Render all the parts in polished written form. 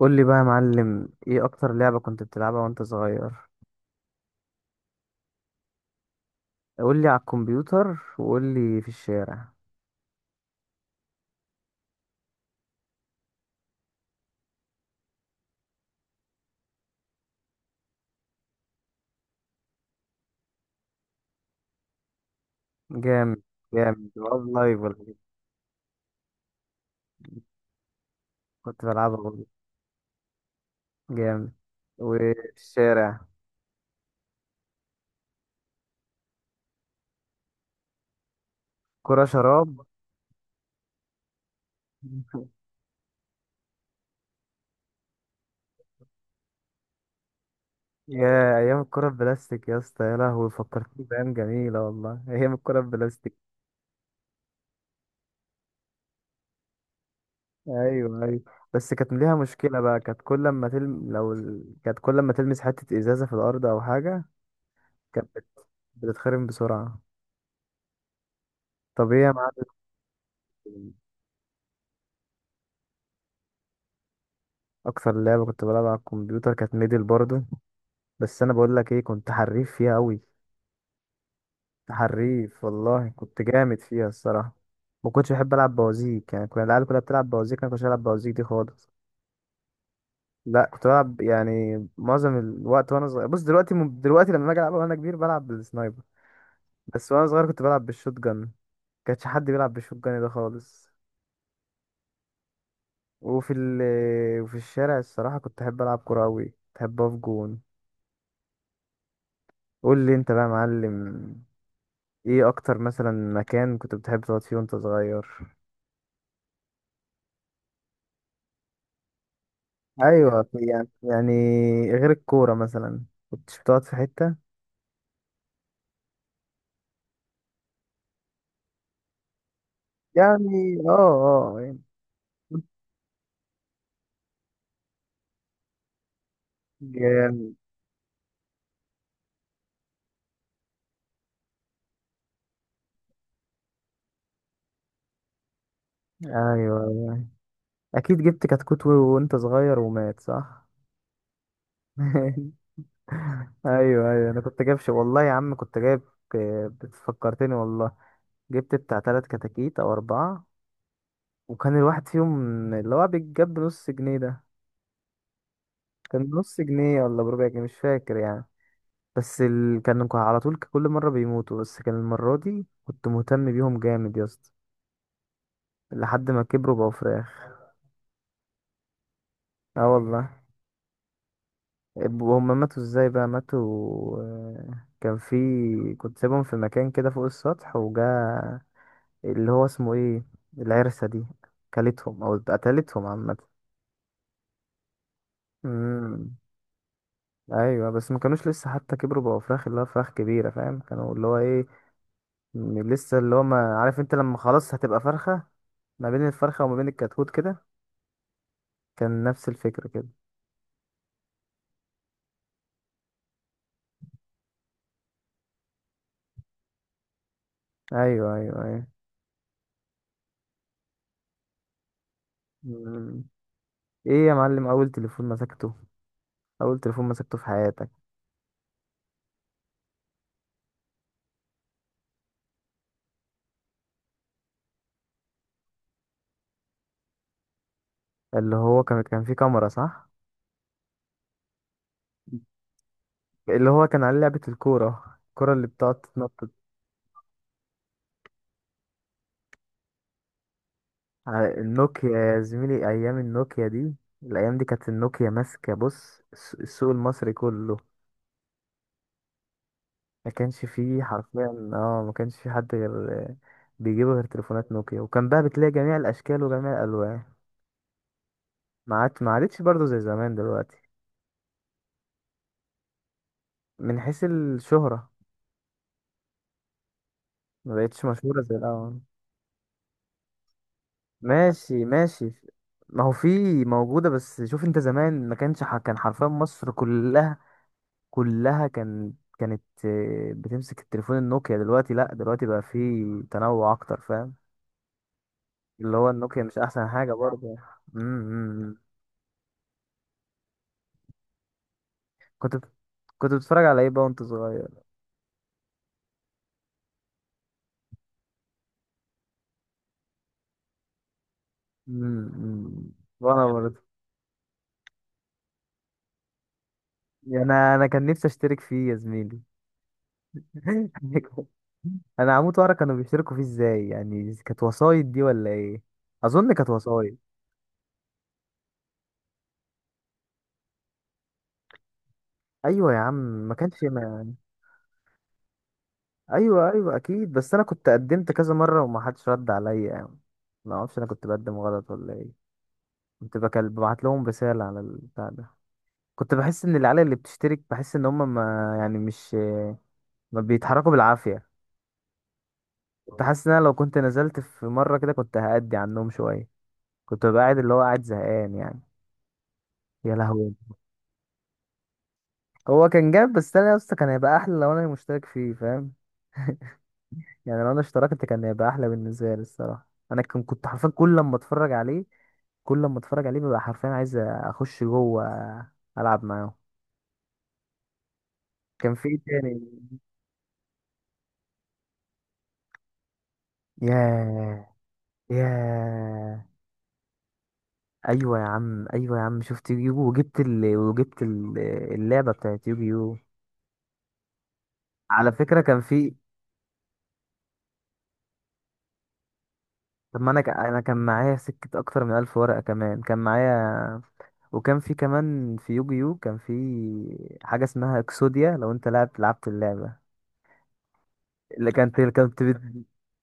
قول لي بقى يا معلم، ايه اكتر لعبة كنت بتلعبها وانت صغير؟ قول لي على الكمبيوتر وقول لي في الشارع. جامد. جامد والله، لايف ولا إيه؟ كنت بلعبها برضه. جامد. وفي الشارع؟ كرة شراب. يا ايام الكرة البلاستيك يا اسطى، يا لهوي فكرتني بايام جميلة والله. ايام الكرة البلاستيك. ايوه، ايوه. بس كانت ليها مشكلة بقى، كانت كل ما تلمس حتة ازازة في الارض او حاجة. كانت بت- بتتخرم بسرعة. طب ايه يا معلم؟ اكتر لعبه كنت بلعب على الكمبيوتر كانت ميدل برضه. بس انا بقول لك ايه، كنت حريف فيها قوي. حريف والله، كنت جامد فيها الصراحه. ما كنتش بحب العب بوازيك، يعني كنا العيال كلها بتلعب بوازيك، انا ما كنتش بلعب بوازيك دي خالص. لا، كنت بلعب يعني معظم الوقت وانا صغير. بص، دلوقتي لما اجي العب وانا كبير بلعب بالسنايبر. بس وانا صغير كنت بلعب بالشوت جن. كانش حد بيلعب بالشوت جن ده خالص. وفي ال وفي الشارع الصراحه كنت احب العب كوره قوي، كنت احب اقف جون. قول لي انت بقى يا معلم، ايه اكتر مثلا مكان كنت بتحب تقعد فيه وانت صغير؟ ايوه، يعني يعني غير الكوره مثلا، كنتش بتقعد في حته؟ يعني اه اه يعني، كنت- يعني- ايوه. أيوة. اكيد جبت كتكوت وانت صغير ومات، صح؟ ايوه، ايوه، انا كنت جايب والله يا عم كنت جايب، آه، بتفكرتني والله. جبت بتاع 3 كتاكيت او 4. وكان الواحد فيهم اللي هو بيتجاب بنص جنيه ده. كان نص جنيه ولا بربع جنيه مش فاكر يعني. على طول كل مرة بيموتوا، بس كان المرة دي كنت مهتم بيهم جامد يا اسطى. لحد ما كبروا بقوا فراخ. اه والله. هما ماتوا ازاي بقى، ماتوا. كان في كنت سايبهم في مكان كده فوق السطح وجا اللي هو اسمه ايه، العرسة دي، كلتهم او قتلتهم عامة. امم. ايوه، بس ما كانوش لسه حتى كبروا بقوا فراخ اللي هو فراخ كبيرة، فاهم، كانوا اللي هو ايه، لسه اللي هو ما عارف انت لما خلاص هتبقى فرخة، ما بين الفرخة وما بين الكتكوت كده، كان نفس الفكرة كده. ايوه، ايوه، ايوه. مم. ايه يا معلم اول تليفون مسكته، اول تليفون مسكته في حياتك؟ اللي هو كان فيه كاميرا، صح؟ اللي هو كان عليه لعبة الكورة اللي بتقعد تتنطط. على النوكيا يا زميلي، ايام النوكيا دي، الايام دي كانت النوكيا ماسكة بص السوق المصري كله. ما كانش فيه حرفيا. اه، ما كانش فيه حد غير بيجيبوا غير تليفونات نوكيا، وكان بقى بتلاقي جميع الاشكال وجميع الالوان. ما عادتش برضه زي زمان دلوقتي. من حيث الشهرة، ما بقتش مشهورة زي الاول. ماشي، ماشي. ما هو في، موجودة، بس شوف انت زمان ما كانش كان حرفيا مصر كلها، كلها كان، كانت بتمسك التليفون النوكيا. دلوقتي، لا، دلوقتي بقى في تنوع اكتر، فاهم؟ اللي هو النوكيا مش احسن حاجة برضه. امم. إمم، إمم. كنت بت- كنت بتتفرج على ايه بقى وانت صغير؟ مم، مم. وانا برضه. يعني انا كان نفسي اشترك فيه يا زميلي. انا هموت واعرف كانوا بيشتركوا فيه ازاي، يعني كانت وسايط دي ولا ايه؟ اظن كانت وسايط. ايوه يا عم. ما كانش ما... يعني، ايوه، ايوه، اكيد، بس انا كنت قدمت كذا مره وما حدش رد عليا يعني. ما اعرفش انا كنت بقدم غلط ولا ايه. كنت بكل ببعت لهم رساله على البتاع ده. كنت بحس ان العيال اللي بتشترك، بحس ان هم ما، يعني مش، ما بيتحركوا بالعافيه. كنت حاسس ان انا لو كنت نزلت في مره كده كنت هأدي عنهم شويه. كنت ببقى قاعد اللي هو قاعد زهقان يعني. يا لهوي. هو كان جاب، بس انا يا اسطى كان هيبقى احلى لو انا مشترك فيه، فاهم؟ يعني لو انا اشتركت كان هيبقى احلى بالنسبه لي الصراحه. انا كنت حرفيا كل لما اتفرج عليه، كل لما اتفرج عليه ببقى حرفيا عايز اخش جوه، العب معاهم. كان في ايه تاني؟ ياه. ياه. ايوه يا عم، ايوه يا عم، شفت يوجيو، اللعبه بتاعت يوجيو. على فكره كان في. طب ما انا ك... انا كان معايا سكة اكتر من 1000 ورقة كمان كان معايا. وكان في كمان في يوجيو كان في حاجة اسمها اكسوديا، لو انت لعبت اللعبة اللي كانت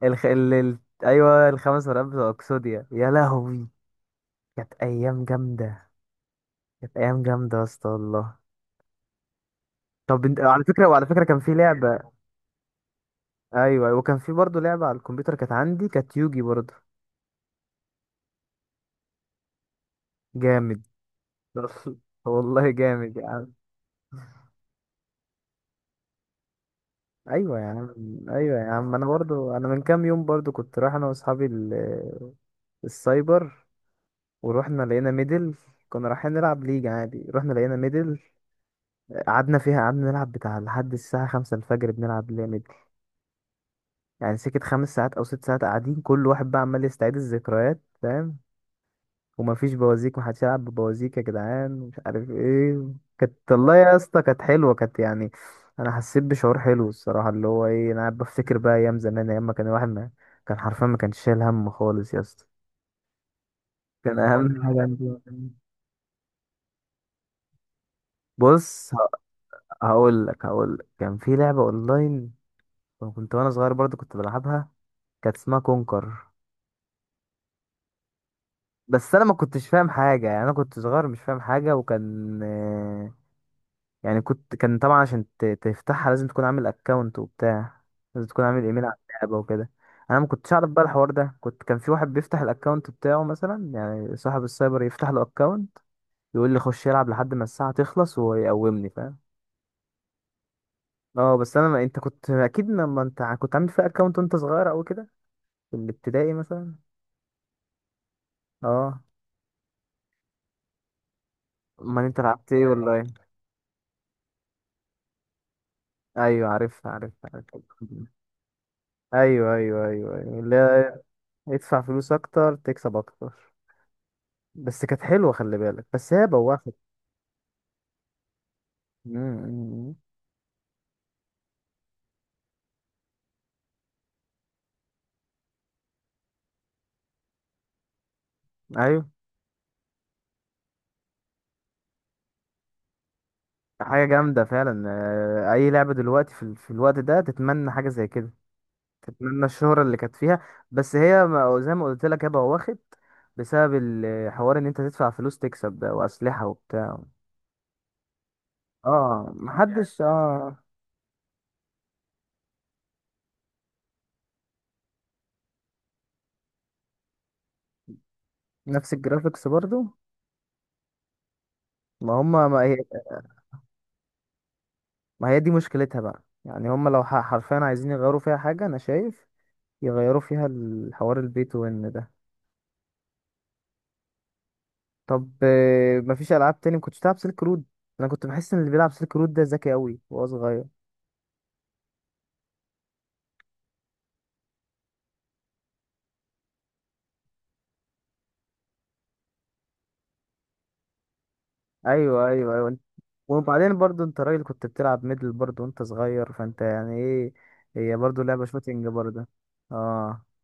الخ... ال... ال... ايوه الـ5 ورقات بتوع اكسوديا يا لهوي. كانت ايام جامدة. كانت ايام جامدة يا اسطى والله. طب انت على فكرة، وعلى فكرة كان في لعبة. ايوه. أيوة، وكان في برضه لعبة على الكمبيوتر كانت عندي، كانت يوجي برضه. جامد. والله جامد. ايوه يا عم، ايوه يا عم، انا برضو، انا من كام يوم برضو كنت رايح انا واصحابي السايبر، ورحنا لقينا ميدل. كنا رايحين نلعب ليج عادي، رحنا لقينا ميدل. قعدنا فيها، قعدنا نلعب بتاع لحد الساعة 5 الفجر بنلعب ليها ميدل. يعني سكت 5 ساعات او 6 ساعات قاعدين، كل واحد بقى عمال يستعيد الذكريات، فاهم؟ ومفيش بوازيك، محدش يلعب ببوازيك يا جدعان، مش عارف ايه. كانت والله يا اسطى كانت حلوه كانت يعني. انا حسيت بشعور حلو الصراحه، اللي هو ايه، انا قاعد بفتكر بقى ايام زمان، ايام ما كان الواحد ما كان حرفيا ما كانش شايل هم خالص يا اسطى. كان هقول اهم لك حاجه بقى عندي، بص، هقول لك كان في لعبه اونلاين كنت وانا صغير برضو كنت بلعبها، كانت اسمها كونكر. بس انا ما كنتش فاهم حاجه، يعني انا كنت صغير مش فاهم حاجه، وكان يعني كنت طبعا عشان تفتحها لازم تكون عامل اكونت وبتاع، لازم تكون عامل ايميل على اللعبة وكده. انا ما كنتش اعرف بقى الحوار ده، كنت في واحد بيفتح الاكونت بتاعه مثلا، يعني صاحب السايبر يفتح له اكونت، يقول لي خش يلعب لحد ما الساعة تخلص ويقومني، فاهم؟ اه، بس انا ما، انت كنت اكيد لما انت كنت عامل فيها اكونت وانت صغير او كده، في الابتدائي مثلا. اه. امال انت لعبت ايه اونلاين؟ ايوه، عارفها، عارفها، عارفها. ايوه، ايوه، ايوه، ايوه، اللي هي ادفع فلوس اكتر تكسب اكتر. بس كانت حلوه، خلي بالك، بس هي بوخت. مم. ايوه. حاجه جامده فعلا، اي لعبه دلوقتي في الوقت ده تتمنى حاجه زي كده، تتمنى الشهره اللي كانت فيها. بس هي زي ما قلت لك هي بوخت بسبب الحوار، ان انت تدفع فلوس تكسب ده، واسلحه وبتاع. اه، محدش. اه، نفس الجرافيكس برضو. ما هي، ما هي دي مشكلتها بقى يعني، هما لو حرفيا عايزين يغيروا فيها حاجه انا شايف، يغيروا فيها الحوار البي تو ان ده. طب مفيش العاب تاني ما كنتش بتلعب سلك رود؟ انا كنت بحس ان اللي بيلعب سلك رود ده ذكي قوي وهو صغير. ايوه، ايوه، ايوه. وبعدين برضو انت راجل كنت بتلعب ميدل برضو وانت صغير، فانت يعني ايه، هي برضو لعبة شوتينج برضو. اه.